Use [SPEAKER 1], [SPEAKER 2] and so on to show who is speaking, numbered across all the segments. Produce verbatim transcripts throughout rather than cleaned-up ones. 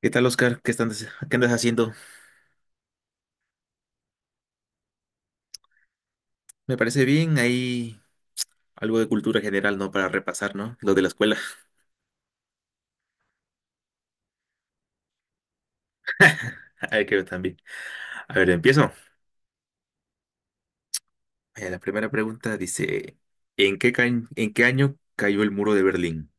[SPEAKER 1] ¿Qué tal, Oscar? ¿Qué están- ¿qué andas haciendo? Me parece bien, hay algo de cultura general, ¿no? Para repasar, ¿no? Lo de la escuela. Hay que ver también. A ver, empiezo. Eh, la primera pregunta dice, ¿en qué, ca- ¿en qué año cayó el muro de Berlín?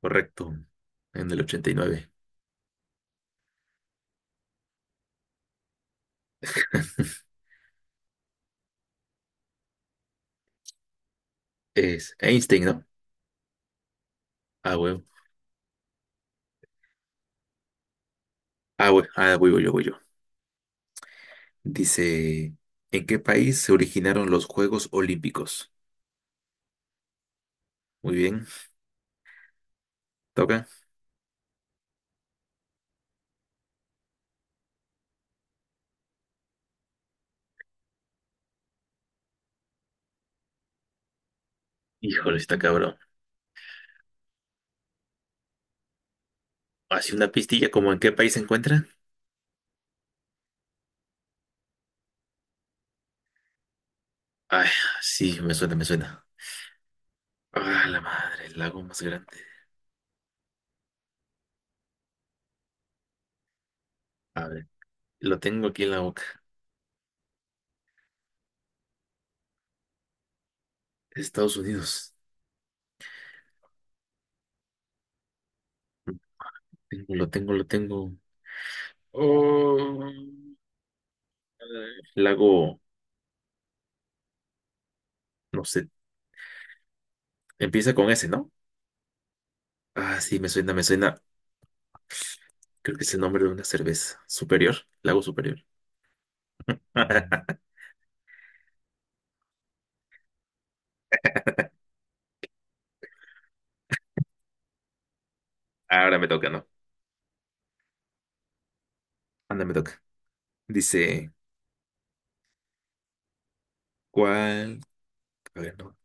[SPEAKER 1] Correcto, en el ochenta y nueve. Es Einstein, ¿no? Ah, bueno. Ah, bueno. Ah, voy, voy yo, voy yo. Dice, ¿en qué país se originaron los Juegos Olímpicos? Muy bien, toca. Híjole, está cabrón. Así una pistilla, ¿como en qué país se encuentra? Ay, sí, me suena, me suena. Ah, la madre, el lago más grande. A ver, lo tengo aquí en la boca. Estados Unidos. Tengo- Lo tengo, lo tengo. Oh, eh, lago, no sé. Empieza con S, ¿no? Ah, sí, me suena, me suena. Creo que es el nombre de una cerveza. Superior, lago superior. Ahora me toca, ¿no? Anda, me toca. Dice, ¿cuál? A ver, no.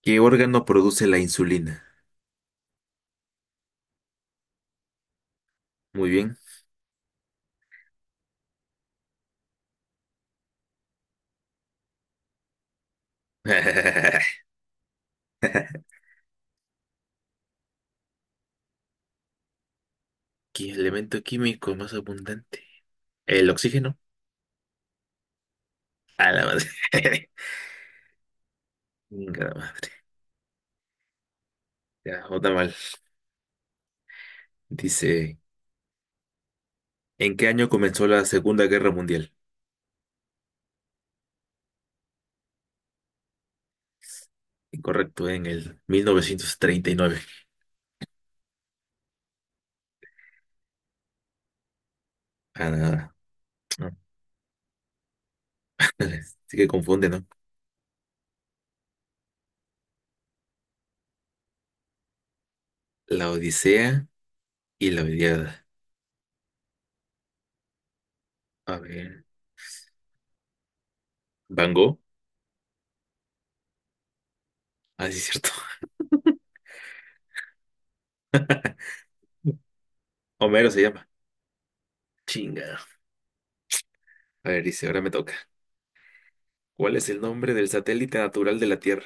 [SPEAKER 1] ¿Qué órgano produce la insulina? Muy bien. ¿Qué elemento químico más abundante? El oxígeno. A la madre. Venga, la madre. Ya, otra mal. Dice, ¿en qué año comenzó la Segunda Guerra Mundial? Incorrecto, en el mil novecientos treinta y nueve. Ah, nada. No. Sí que confunde, ¿no? La Odisea y la Iliada. A ver. ¿Van Gogh? Ah, sí, es cierto. Homero se llama. Chinga. A ver, dice, ahora me toca. ¿Cuál es el nombre del satélite natural de la Tierra?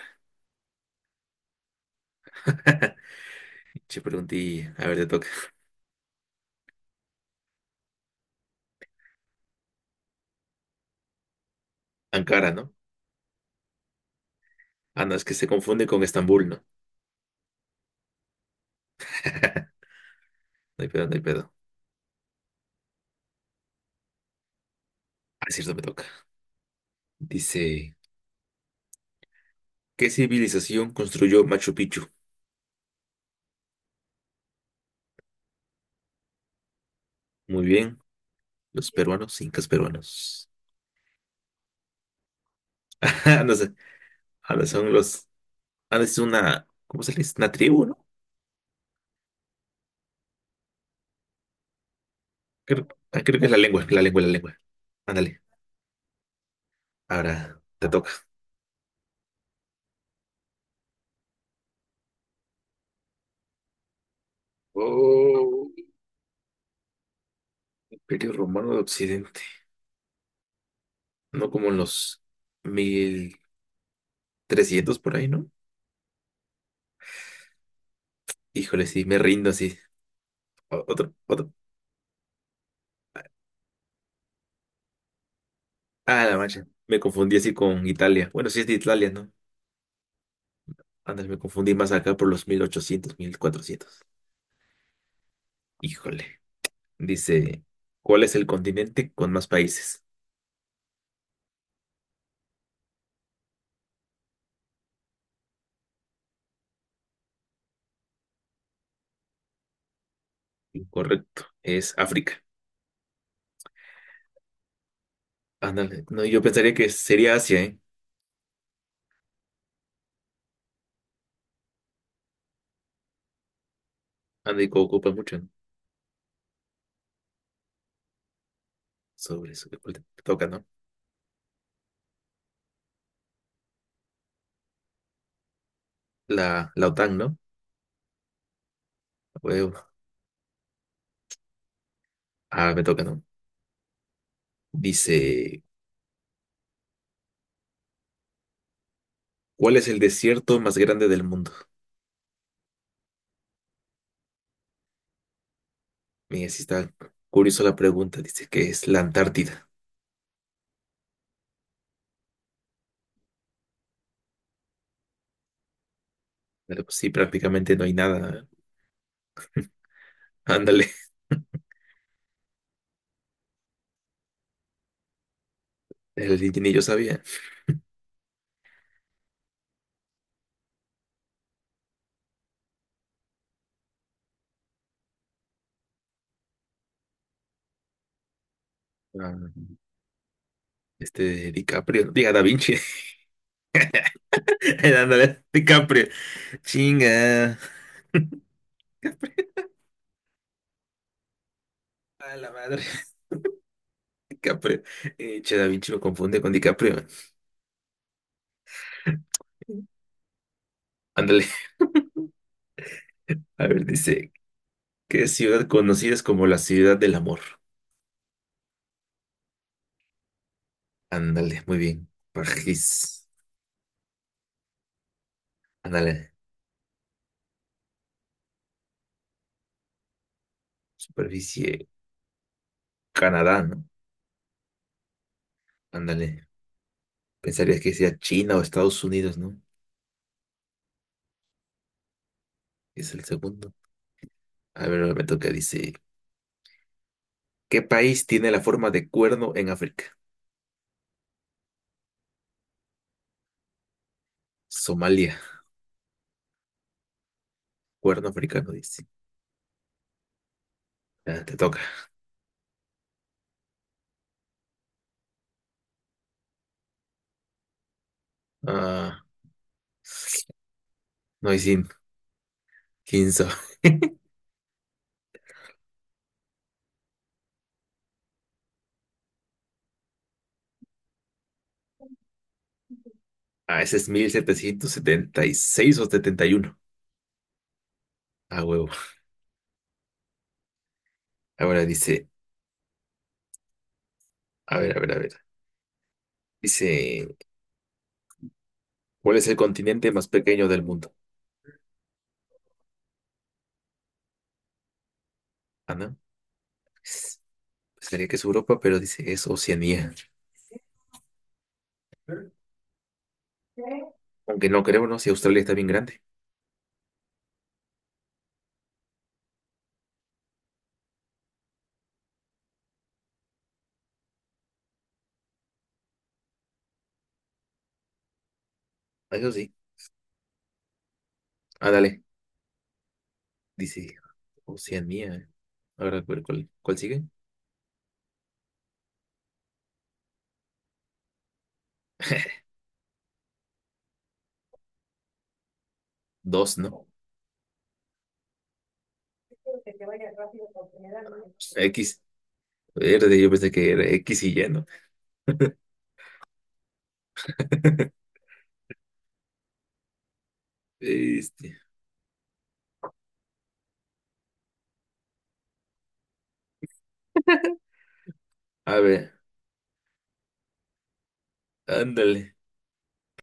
[SPEAKER 1] Che, pregunté. A ver, te toca. Ankara, ¿no? Ah, no, es que se confunde con Estambul, ¿no? No hay pedo, no hay pedo. Ah, es cierto, me toca. Dice, ¿qué civilización construyó Machu Picchu? Muy bien, los peruanos, incas peruanos. No sé, ahora son los... Ah, es una... ¿Cómo se le dice? Una tribu, ¿no? Creo, ah, creo que es la lengua, la lengua, la lengua. Ándale, ahora te toca. Oh, Imperio Romano de Occidente. No, como en los mil trescientos por ahí, ¿no? Híjole, sí, me rindo así. O- Otro, otro. Ah, la mancha. Me confundí así con Italia. Bueno, sí es de Italia, ¿no? Antes me confundí más acá por los mil ochocientos mil cuatrocientos. Híjole. Dice, ¿cuál es el continente con más países? Incorrecto, es África. Ándale, no, yo pensaría que sería Asia, ¿eh? Ándale, que ocupa mucho, ¿no? Sobre eso, me toca, ¿no? La, la O T A N, ¿no? Huevo. Ah, me toca, ¿no? Dice, ¿cuál es el desierto más grande del mundo? Mira, sí está curiosa la pregunta, dice que es la Antártida. Pero pues sí, prácticamente no hay nada, ¿eh? Ándale. El ni yo sabía. Ah. Este, DiCaprio. Diga, Da Vinci. Ándale, DiCaprio. Chinga. A la madre. DiCaprio. Eh, che, Da Vinci lo confunde con DiCaprio. Ándale. A ver, dice, ¿qué ciudad conocida es como la ciudad del amor? Ándale, muy bien. París. Ándale. Superficie. Canadá, ¿no? Ándale. Pensarías que sea China o Estados Unidos, ¿no? Es el segundo. A ver, ahora me toca. Dice, ¿qué país tiene la forma de cuerno en África? Somalia. Cuerno africano, dice. Ah, te toca. Ah, Noisín, quince. Ah, ese es mil setecientos setenta y seis o setenta y uno. Ah, huevo. Ahora dice, a ver, a ver, a ver. Dice, ¿cuál es el continente más pequeño del mundo? Ah, no. Pensaría que es Europa, pero dice es Oceanía. Aunque no creo, ¿no? Si Australia está bien grande. Ah, eso sí. Ah, dale. Dice Oceanía. Ahora, ¿cuál, cuál, cuál sigue? Dos, ¿no? X. Verde, yo pensé que era X y y ¿no? Este, a ver, ándale.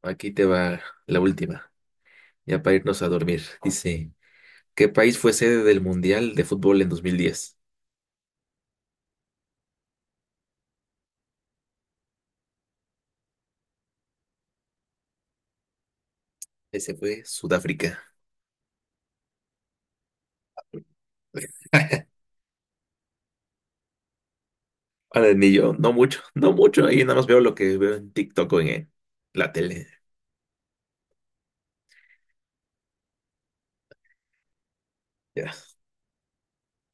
[SPEAKER 1] Aquí te va la última, ya para irnos a dormir. Dice, ¿qué país fue sede del Mundial de Fútbol en dos mil diez? Ese fue Sudáfrica. Ahora ni yo, no mucho, no mucho. Ahí nada más veo lo que veo en TikTok o en eh, la tele. Ya.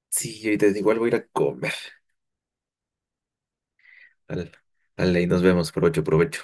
[SPEAKER 1] Sí, ahorita igual voy a ir a comer. Dale, dale, y nos vemos. Provecho, provecho.